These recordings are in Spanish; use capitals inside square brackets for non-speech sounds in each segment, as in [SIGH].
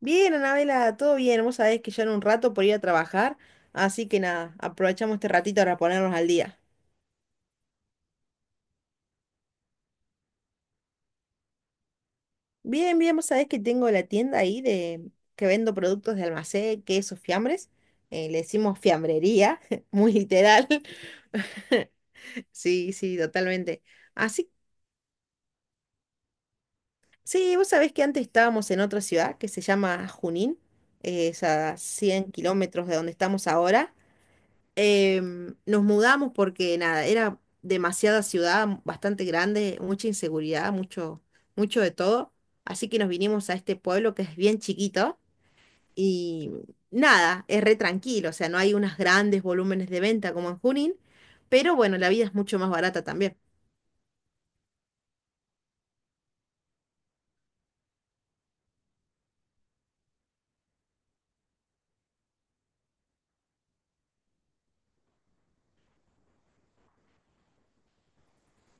Bien, Anabela, todo bien. Vos sabés que ya en un rato por ir a trabajar, así que nada, aprovechamos este ratito para ponernos al día. Bien, bien, vos sabés que tengo la tienda ahí de que vendo productos de almacén, quesos, fiambres. Le decimos fiambrería, [LAUGHS] muy literal. [LAUGHS] Sí, sí, totalmente. Así, sí, vos sabés que antes estábamos en otra ciudad que se llama Junín, es a 100 kilómetros de donde estamos ahora. Nos mudamos porque nada, era demasiada ciudad, bastante grande, mucha inseguridad, mucho, mucho de todo. Así que nos vinimos a este pueblo que es bien chiquito y nada, es re tranquilo, o sea, no hay unos grandes volúmenes de venta como en Junín, pero bueno, la vida es mucho más barata también.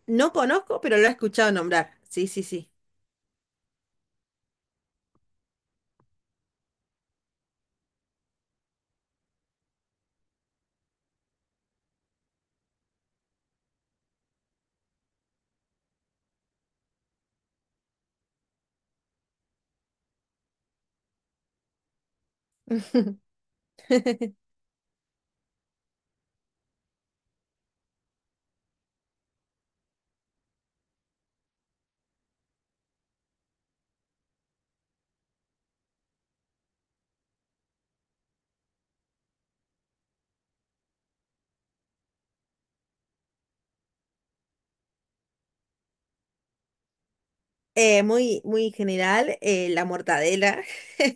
No conozco, pero lo he escuchado nombrar. Sí, sí, sí. [LAUGHS] Muy, muy general, la mortadela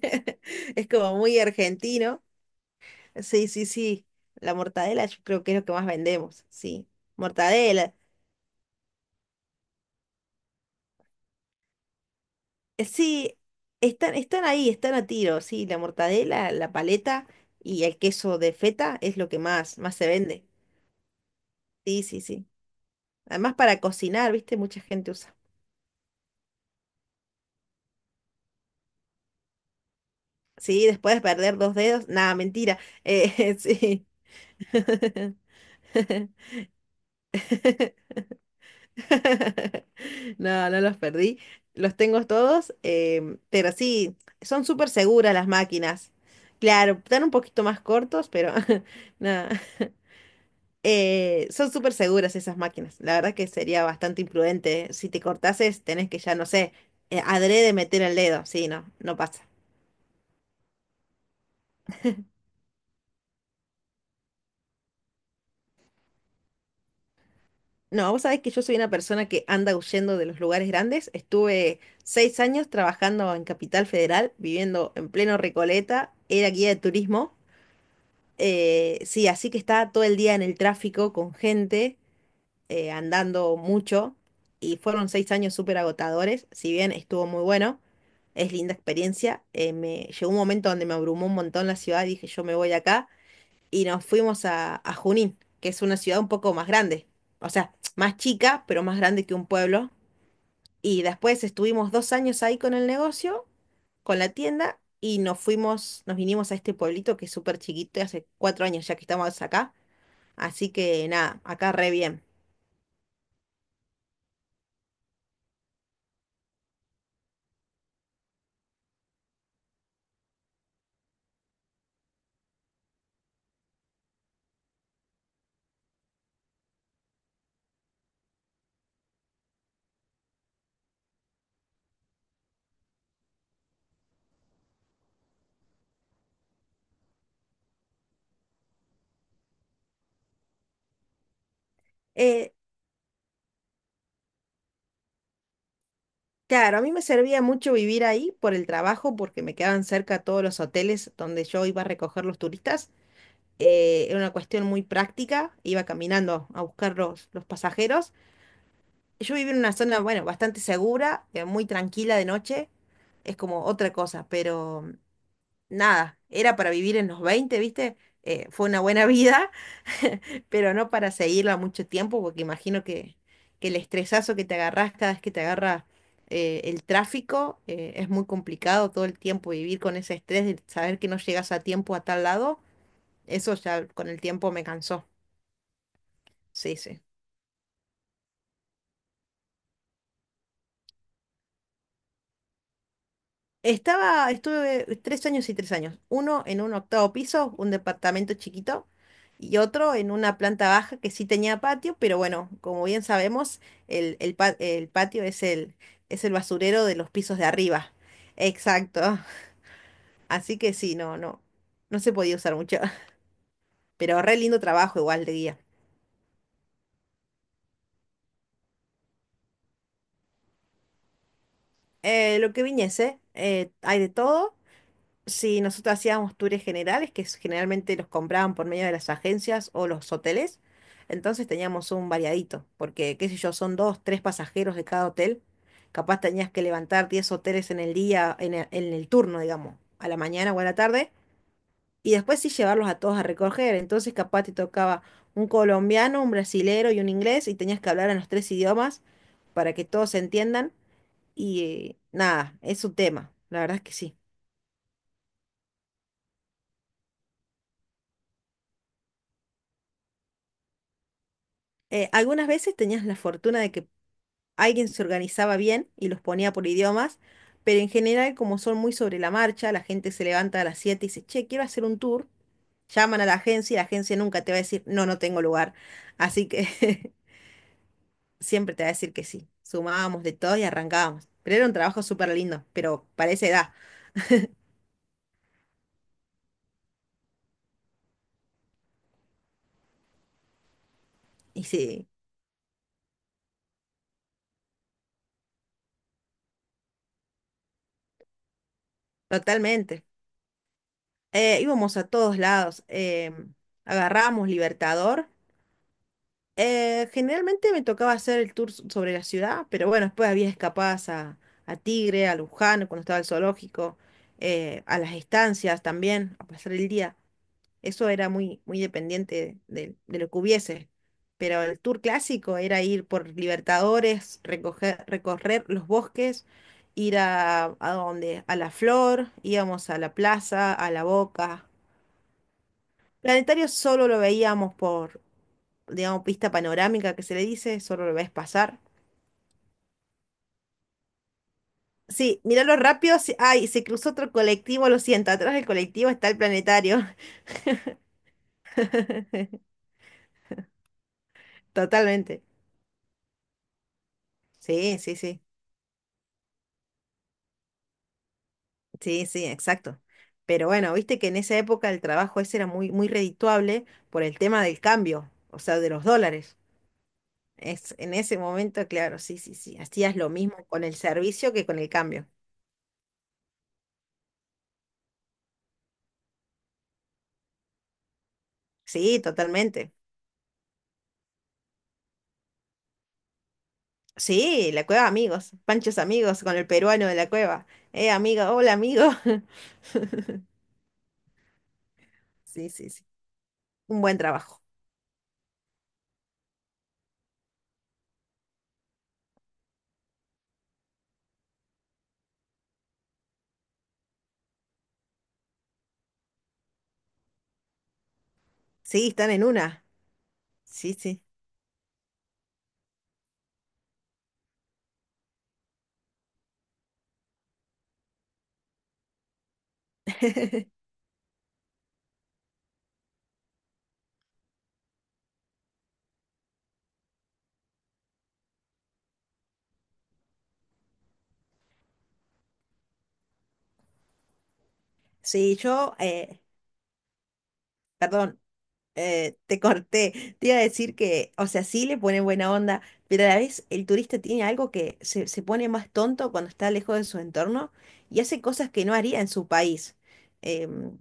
[LAUGHS] es como muy argentino. Sí, sí, sí. La mortadela yo creo que es lo que más vendemos, sí. Mortadela. Sí, están ahí, están a tiro, sí. La mortadela, la paleta y el queso de feta es lo que más, más se vende. Sí, sí, sí. Además para cocinar, ¿viste? Mucha gente usa. Sí, después de perder dos dedos. Nada, mentira. [LAUGHS] Sí. [LAUGHS] [LAUGHS] No, no los perdí. Los tengo todos, pero sí, son súper seguras las máquinas. Claro, están un poquito más cortos, pero [LAUGHS] nada. Son súper seguras esas máquinas. La verdad que sería bastante imprudente, ¿eh? Si te cortases, tenés que ya, no sé, adrede meter el dedo. Sí, no, no pasa. No, vos sabés que yo soy una persona que anda huyendo de los lugares grandes. Estuve 6 años trabajando en Capital Federal, viviendo en pleno Recoleta, era guía de turismo. Sí, así que estaba todo el día en el tráfico con gente, andando mucho, y fueron 6 años súper agotadores, si bien estuvo muy bueno, es linda experiencia. Me llegó un momento donde me abrumó un montón la ciudad, dije yo me voy de acá, y nos fuimos a Junín, que es una ciudad un poco más grande, o sea, más chica, pero más grande que un pueblo. Y después estuvimos 2 años ahí con el negocio, con la tienda, y nos fuimos, nos vinimos a este pueblito que es súper chiquito, y hace 4 años ya que estamos acá. Así que nada, acá re bien. Eh, claro, a mí me servía mucho vivir ahí por el trabajo, porque me quedaban cerca todos los hoteles donde yo iba a recoger los turistas. Era una cuestión muy práctica, iba caminando a buscar los pasajeros. Yo vivía en una zona, bueno, bastante segura, muy tranquila de noche, es como otra cosa, pero nada, era para vivir en los 20, ¿viste? Fue una buena [LAUGHS] vida pero no para seguirla mucho tiempo, porque imagino que el estresazo que te agarrás cada vez que te agarra el tráfico es muy complicado todo el tiempo vivir con ese estrés de saber que no llegas a tiempo a tal lado. Eso ya con el tiempo me cansó. Sí, sí. Estuve 3 años y 3 años. Uno en un octavo piso, un departamento chiquito, y otro en una planta baja que sí tenía patio, pero bueno, como bien sabemos, el patio es el basurero de los pisos de arriba. Exacto. [LAUGHS] Así que sí, no, no, no se podía usar mucho. [LAUGHS] Pero re lindo trabajo igual de guía. Lo que viniese, hay de todo. Sí, nosotros hacíamos tours generales que generalmente los compraban por medio de las agencias o los hoteles, entonces teníamos un variadito, porque qué sé yo, son dos, tres pasajeros de cada hotel, capaz tenías que levantar 10 hoteles en el día, en el turno, digamos, a la mañana o a la tarde, y después sí llevarlos a todos a recoger, entonces capaz te tocaba un colombiano, un brasilero y un inglés, y tenías que hablar en los tres idiomas para que todos se entiendan, y nada, es un tema, la verdad es que sí. Algunas veces tenías la fortuna de que alguien se organizaba bien y los ponía por idiomas, pero en general, como son muy sobre la marcha, la gente se levanta a las 7 y dice, che, quiero hacer un tour. Llaman a la agencia y la agencia nunca te va a decir, no, no tengo lugar. Así que [LAUGHS] siempre te va a decir que sí. Sumábamos de todo y arrancábamos. Pero era un trabajo súper lindo, pero para esa edad. Y sí, totalmente. Íbamos a todos lados. Agarrábamos Libertador. Generalmente me tocaba hacer el tour sobre la ciudad, pero bueno, después había escapadas a, Tigre, a Luján, cuando estaba el zoológico, a las estancias también, a pasar el día. Eso era muy, muy dependiente de lo que hubiese. Pero el tour clásico era ir por Libertadores, recoger, recorrer los bosques, ir a donde, a La Flor, íbamos a la plaza, a La Boca. Planetario solo lo veíamos por, digamos, pista panorámica que se le dice, solo lo ves pasar. Sí, míralo rápido. Ay, se cruzó otro colectivo, lo siento, atrás del colectivo está el planetario. [LAUGHS] Totalmente. Sí, sí, sí. Sí, sí, exacto. Pero bueno, viste que en esa época el trabajo ese era muy, muy redituable por el tema del cambio, o sea, de los dólares. Es, en ese momento, claro, sí, sí, sí. Hacías lo mismo con el servicio que con el cambio. Sí, totalmente. Sí, la cueva amigos, Panchos amigos con el peruano de la cueva. Amigo, hola amigo. [LAUGHS] Sí, sí, sí. Un buen trabajo. Sí, están en una. Sí, sí. Sí, yo, perdón, te corté. Te iba a decir que, o sea, sí le ponen buena onda, pero a la vez el turista tiene algo que se pone más tonto cuando está lejos de su entorno y hace cosas que no haría en su país. Em,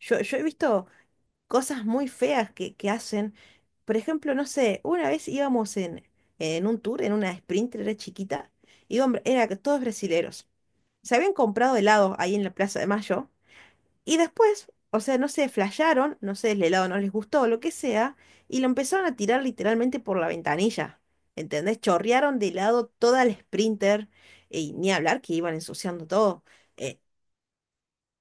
yo he visto cosas muy feas que hacen. Por ejemplo, no sé, una vez íbamos en, un tour, en una Sprinter, era chiquita, y hombre, era que todos brasileros. Se habían comprado helados ahí en la Plaza de Mayo, y después, o sea, no sé, flasharon, no sé, el helado no les gustó o lo que sea, y lo empezaron a tirar literalmente por la ventanilla. ¿Entendés? Chorrearon de helado toda la Sprinter, y ni hablar que iban ensuciando todo. Eh,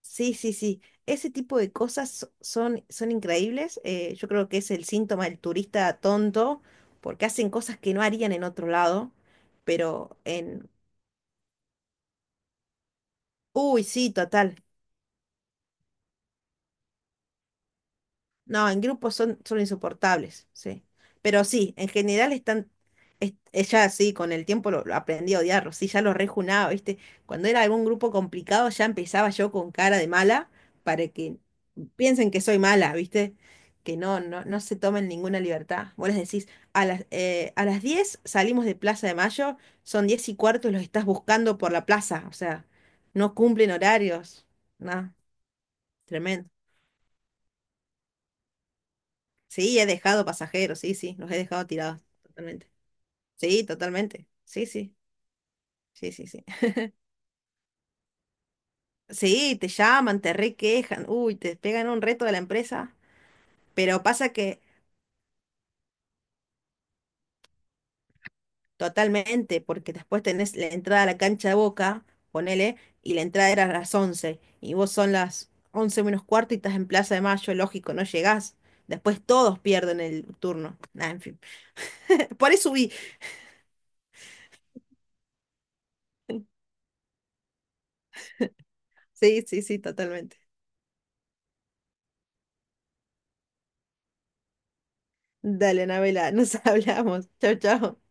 Sí, sí, sí. Ese tipo de cosas son increíbles. Yo creo que es el síntoma del turista tonto, porque hacen cosas que no harían en otro lado, pero en... Uy, sí, total. No, en grupos son insoportables, sí. Pero sí, en general están, ella sí, con el tiempo lo aprendí a odiarlo, sí, ya lo rejunaba, ¿viste? Cuando era algún grupo complicado ya empezaba yo con cara de mala para que piensen que soy mala, ¿viste? Que no, no, no se tomen ninguna libertad. Vos les decís, a las 10 salimos de Plaza de Mayo, son 10 y cuarto y los estás buscando por la plaza, o sea, no cumplen horarios, no, tremendo. Sí, he dejado pasajeros, sí, sí, los he dejado tirados, totalmente. Sí, totalmente. Sí, sí, sí, sí, sí. Sí, te llaman, te requejan, uy, te pegan un reto de la empresa, pero pasa que totalmente, porque después tenés la entrada a la cancha de Boca, ponele, y la entrada era a las 11 y vos son las 11 menos cuarto y estás en Plaza de Mayo, lógico, no llegás. Después todos pierden el turno. Nah, en fin. [LAUGHS] Por eso subí. Sí, sí, sí, totalmente. Dale, Anabela, nos [LAUGHS] hablamos. Chao, chao.